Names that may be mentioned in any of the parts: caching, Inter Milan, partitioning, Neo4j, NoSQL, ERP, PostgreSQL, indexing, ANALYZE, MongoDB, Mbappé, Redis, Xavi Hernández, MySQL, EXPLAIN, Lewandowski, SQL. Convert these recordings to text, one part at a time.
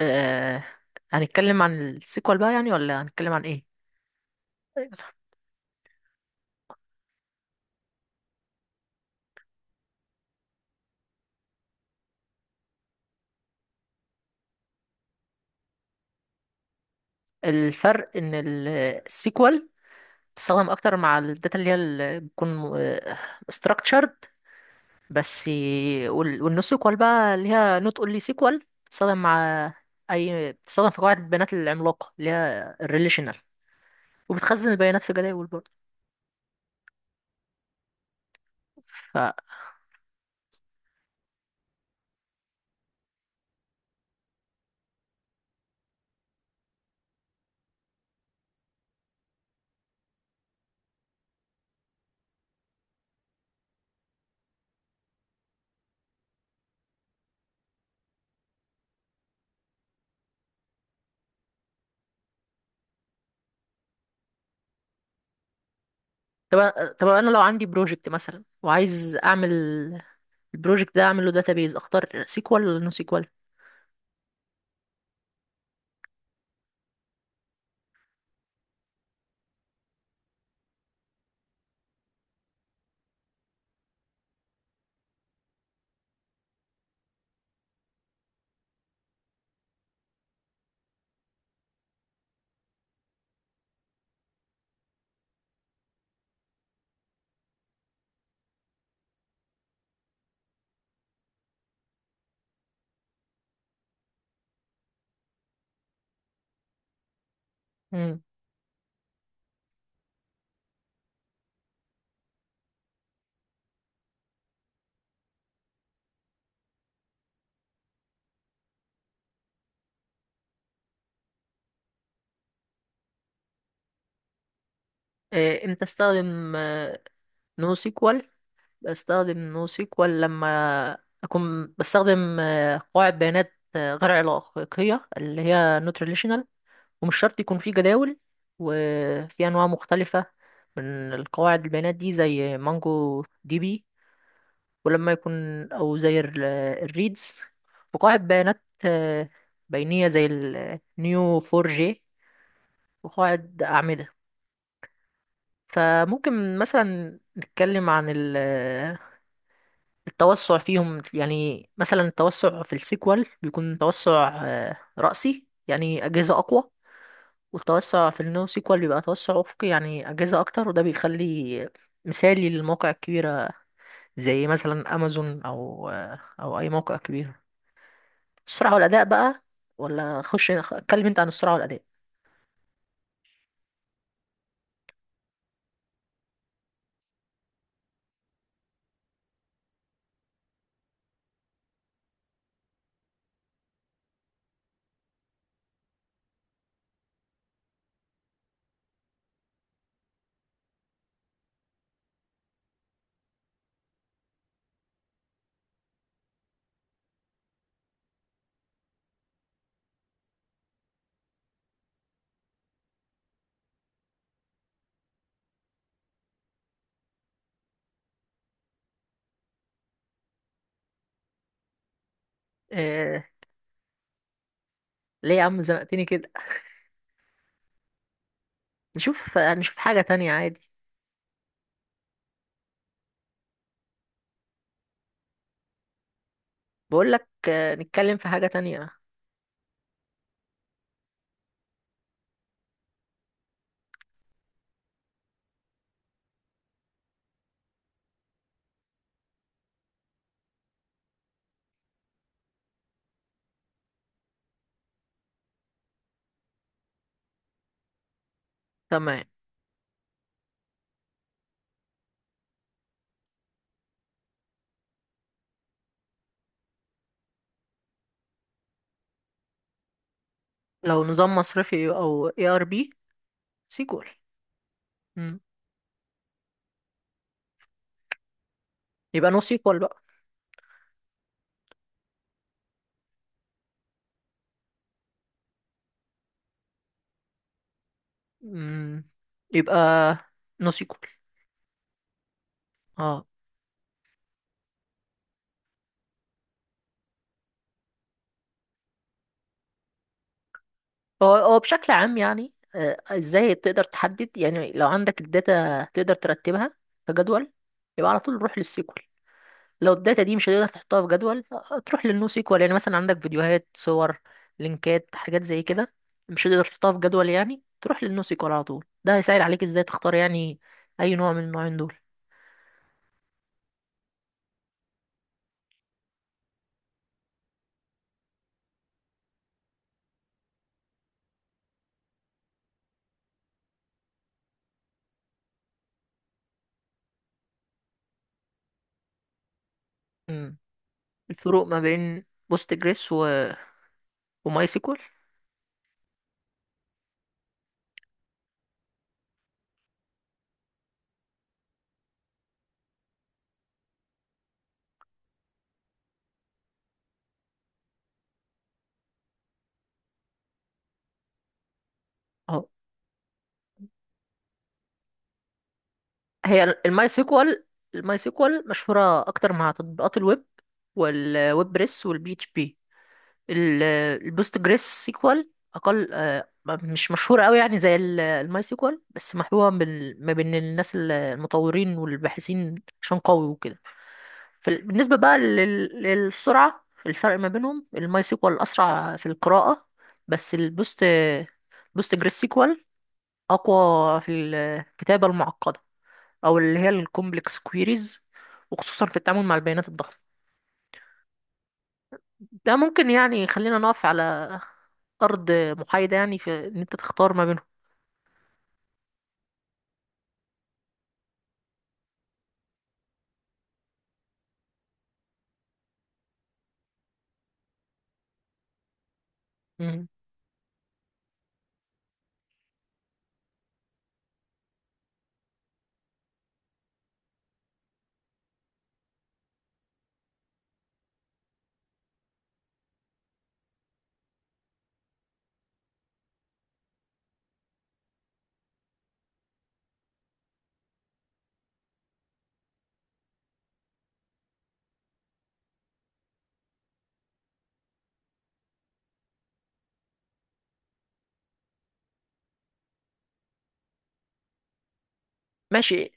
آه، هنتكلم عن السيكوال بقى، يعني ولا هنتكلم عن ايه؟ الفرق ان السيكوال بتستخدم اكتر مع الداتا اللي هي بتكون آه، structured بس. والنو سيكوال بقى، اللي هي نوت اونلي سيكوال، بتستخدم مع اي بتستخدم في قواعد البيانات العملاقه اللي هي الريليشنال، وبتخزن البيانات في جداول برضه. ف طب طب انا لو عندي بروجكت مثلا وعايز اعمل البروجكت ده، اعمل له داتابيز، اختار سيكوال ولا نو سيكوال؟ امتى استخدم نو سيكوال؟ بستخدم نو سيكوال لما اكون بستخدم قواعد بيانات غير علاقية، اللي هي نوت ريليشنال، ومش شرط يكون في جداول، وفي انواع مختلفة من القواعد البيانات دي زي مانجو دي بي، ولما يكون او زي الريدز، وقواعد بيانات بينية زي النيو فور جي، وقواعد أعمدة. فممكن مثلا نتكلم عن التوسع فيهم، يعني مثلا التوسع في السيكوال بيكون توسع رأسي، يعني أجهزة أقوى، والتوسع في النو سيكوال بيبقى توسع أفقي، يعني أجهزة أكتر، وده بيخلي مثالي للمواقع الكبيرة زي مثلا أمازون أو أي موقع كبير. السرعة والأداء بقى، ولا خش اتكلم أنت عن السرعة والأداء. آه، ليه يا عم زنقتني كده؟ نشوف حاجة تانية عادي. بقول لك نتكلم في حاجة تانية. تمام. لو نظام مصرفي أو ERP؟ سيكوال. مم. يبقى نو سيكوال بقى. مم. يبقى نو سيكوال. اه. هو هو بشكل عام يعني، ازاي تقدر تحدد؟ يعني لو عندك الداتا تقدر ترتبها في جدول، يبقى على طول روح للسيكوال. لو الداتا دي مش هتقدر تحطها في جدول، تروح للنو سيكوال. يعني مثلا عندك فيديوهات، صور، لينكات، حاجات زي كده، مش هتقدر تحطها في جدول، يعني تروح للنو سيكوال على طول. ده هيسهل عليك ازاي تختار يعني اي نوع من النوعين دول. مم. الفروق ما بين بوست جريس وماي سيكوال. هي الماي سيكوال الماي سيكوال مشهورة أكتر مع تطبيقات الويب والويب بريس والبي اتش بي. البوست جريس سيكوال أقل، مش مشهورة أوي يعني زي الماي سيكوال، بس محبوبة ما بين الناس المطورين والباحثين، عشان قوي وكده. بالنسبة بقى للسرعة، الفرق ما بينهم الماي سيكوال أسرع في القراءة، بس بوست جريس سيكوال أقوى في الكتابة المعقدة، او اللي هي الكومبلكس كويريز، وخصوصا في التعامل مع البيانات الضخمة. ده ممكن يعني يخلينا نقف على ارض محايدة، يعني في ان انت تختار ما بينهم. مم. ماشي.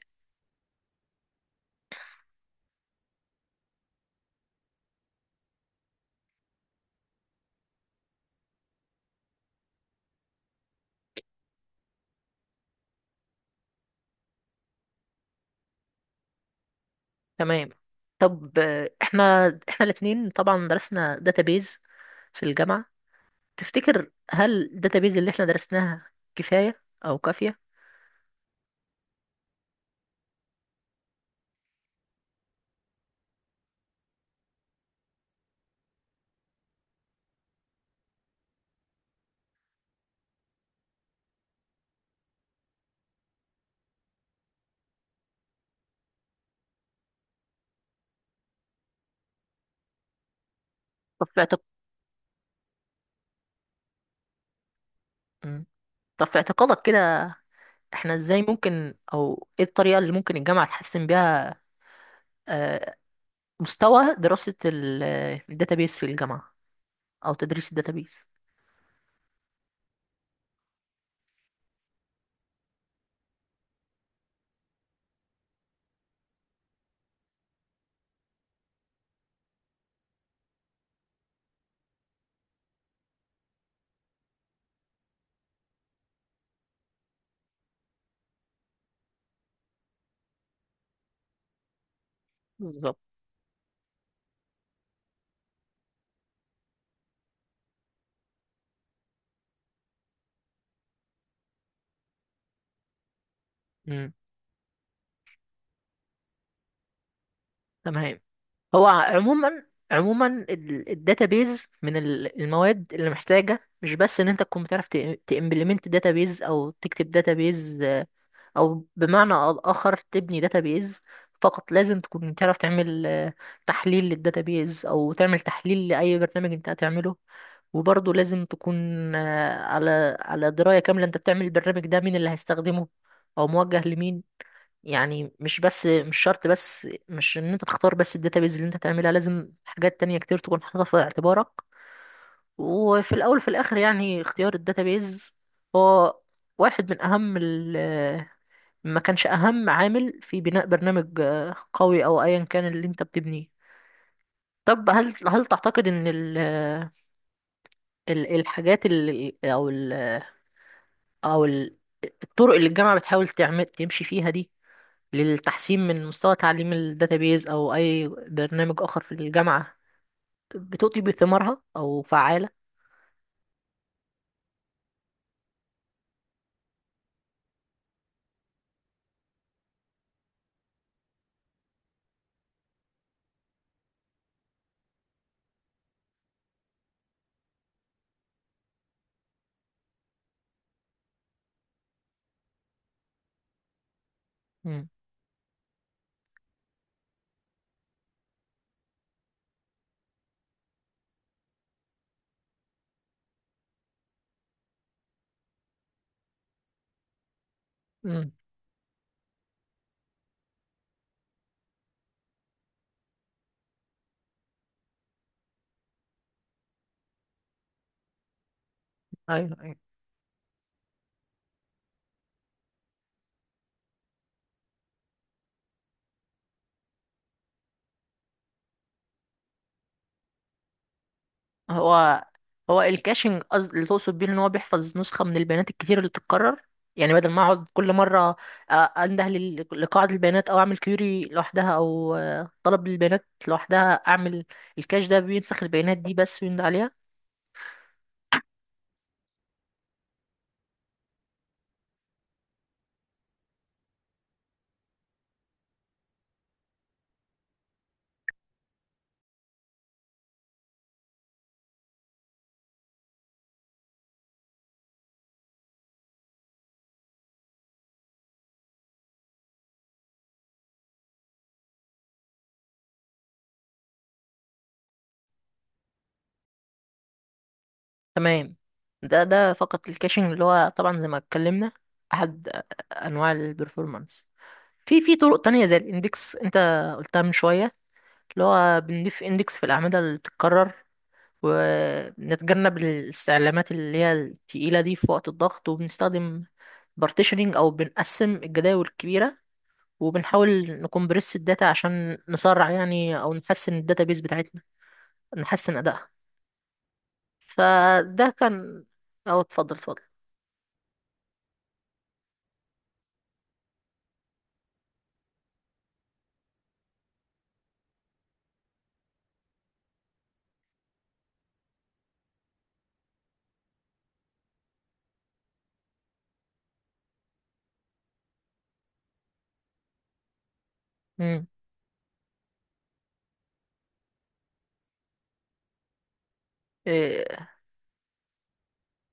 تمام. طب احنا الاتنين طبعا درسنا داتابيز في الجامعة. تفتكر هل الداتابيز اللي احنا درسناها كفاية او كافية؟ طب في اعتق... مم. طب في اعتقادك كده، احنا ازاي ممكن، او ايه الطريقة اللي ممكن الجامعة تحسن بيها آه، مستوى دراسة الداتابيس في الجامعة، أو تدريس الداتابيس؟ بالظبط. امم تمام. هو عموما عموما الداتابيز من المواد اللي محتاجة، مش بس ان انت تكون بتعرف تإمبلمنت داتابيز او تكتب داتابيز، او بمعنى اخر تبني داتابيز فقط. لازم تكون تعرف تعمل تحليل للداتابيز، او تعمل تحليل لاي برنامج انت هتعمله. وبرضه لازم تكون على دراية كاملة انت بتعمل البرنامج ده، مين اللي هيستخدمه او موجه لمين. يعني مش بس، مش شرط بس مش ان انت تختار بس الداتابيز اللي انت تعملها، لازم حاجات تانية كتير تكون حاططها في اعتبارك. وفي الاول في الاخر، يعني اختيار الداتابيز هو واحد من اهم، ما كانش أهم عامل في بناء برنامج قوي أو أيا كان اللي أنت بتبنيه. طب هل تعتقد إن الحاجات اللي، أو ال- الطرق اللي الجامعة بتحاول تعمل تمشي فيها دي، للتحسين من مستوى تعليم الداتابيز أو أي برنامج آخر في الجامعة، بتؤتي بثمارها أو فعالة؟ مم. مم. أيوه، أيوه. هو هو الكاشنج، قصد اللي تقصد بيه ان هو بيحفظ نسخه من البيانات الكتير اللي بتتكرر. يعني بدل ما اقعد كل مره آه، انده لقاعده البيانات، او اعمل كيوري لوحدها، او طلب للبيانات لوحدها، اعمل الكاش ده بينسخ البيانات دي بس ويند عليها. تمام. ده فقط الكاشنج، اللي هو طبعا زي ما اتكلمنا احد انواع البرفورمانس. في طرق تانية زي الاندكس، انت قلتها من شويه، اللي هو بنضيف اندكس في الاعمده اللي بتتكرر، ونتجنب الاستعلامات اللي هي التقيلة دي في وقت الضغط. وبنستخدم بارتيشنينج أو بنقسم الجداول الكبيرة، وبنحاول نكمبرس الداتا عشان نسرع يعني، أو نحسن الداتابيز بتاعتنا، نحسن أدائها. فده كان. أو اتفضل اتفضل. مم. إيه،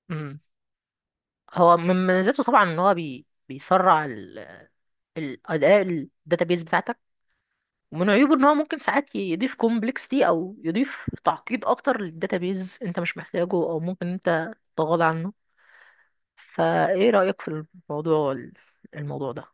مم. هو من مميزاته طبعا إن هو بيسرع الأداء الداتابيز بتاعتك. ومن عيوبه ان هو ممكن ساعات يضيف كومبلكسيتي، او يضيف تعقيد اكتر للداتابيز انت مش محتاجه، او ممكن انت تتغاضى عنه. فايه رأيك في الموضوع الموضوع ده؟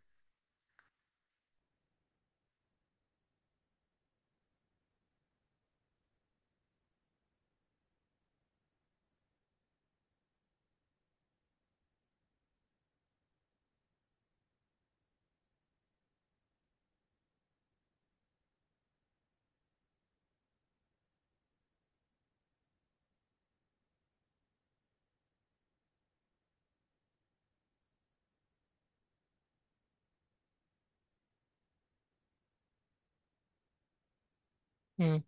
مم.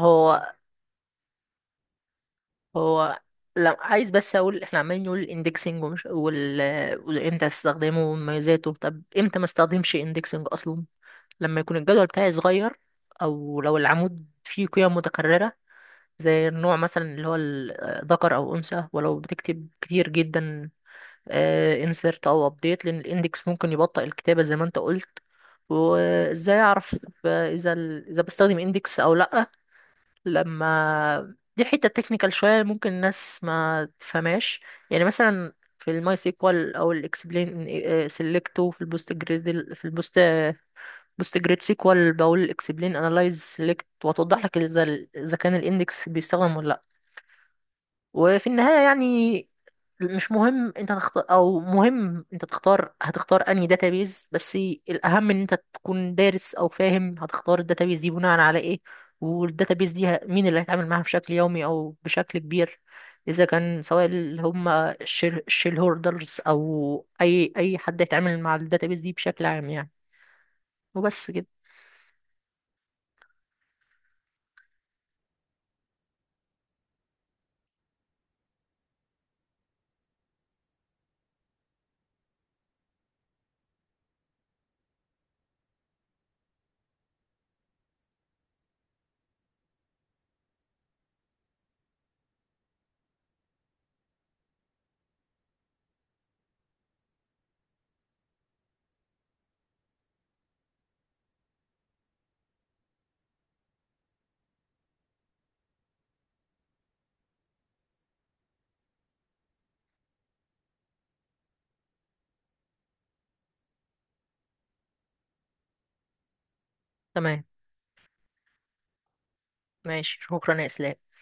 هو هو لا، عايز بس اقول احنا عمالين نقول الاندكسنج وامتى استخدمه ومميزاته. طب امتى ما استخدمش اندكسنج اصلا؟ لما يكون الجدول بتاعي صغير، او لو العمود فيه قيم متكررة زي النوع مثلا اللي هو ذكر او انثى، ولو بتكتب كتير جدا انسرت او ابديت، لان الاندكس ممكن يبطئ الكتابه زي ما انت قلت. وازاي اعرف اذا اذا بستخدم اندكس او لا؟ لما دي حته تكنيكال شويه ممكن الناس ما تفهمهاش، يعني مثلا في الماي سيكوال او الاكسبلين سيلكت، وفي البوست جريد، في البوست بوست جريد سيكوال بقول اكسبلين انالايز سيلكت، وتوضح لك اذا اذا كان الاندكس بيستخدم ولا لا. وفي النهاية يعني مش مهم انت تختار، او مهم انت تختار هتختار انهي داتابيز بس، الاهم ان انت تكون دارس او فاهم هتختار الداتابيز دي بناء على ايه. والداتابيز دي مين اللي هيتعامل معاها بشكل يومي او بشكل كبير، اذا كان سواء اللي هم الشيل هولدرز، او اي حد هيتعامل مع الداتابيز دي بشكل عام يعني. وبس كده. تمام. ماشي. شكرا يا اسلام.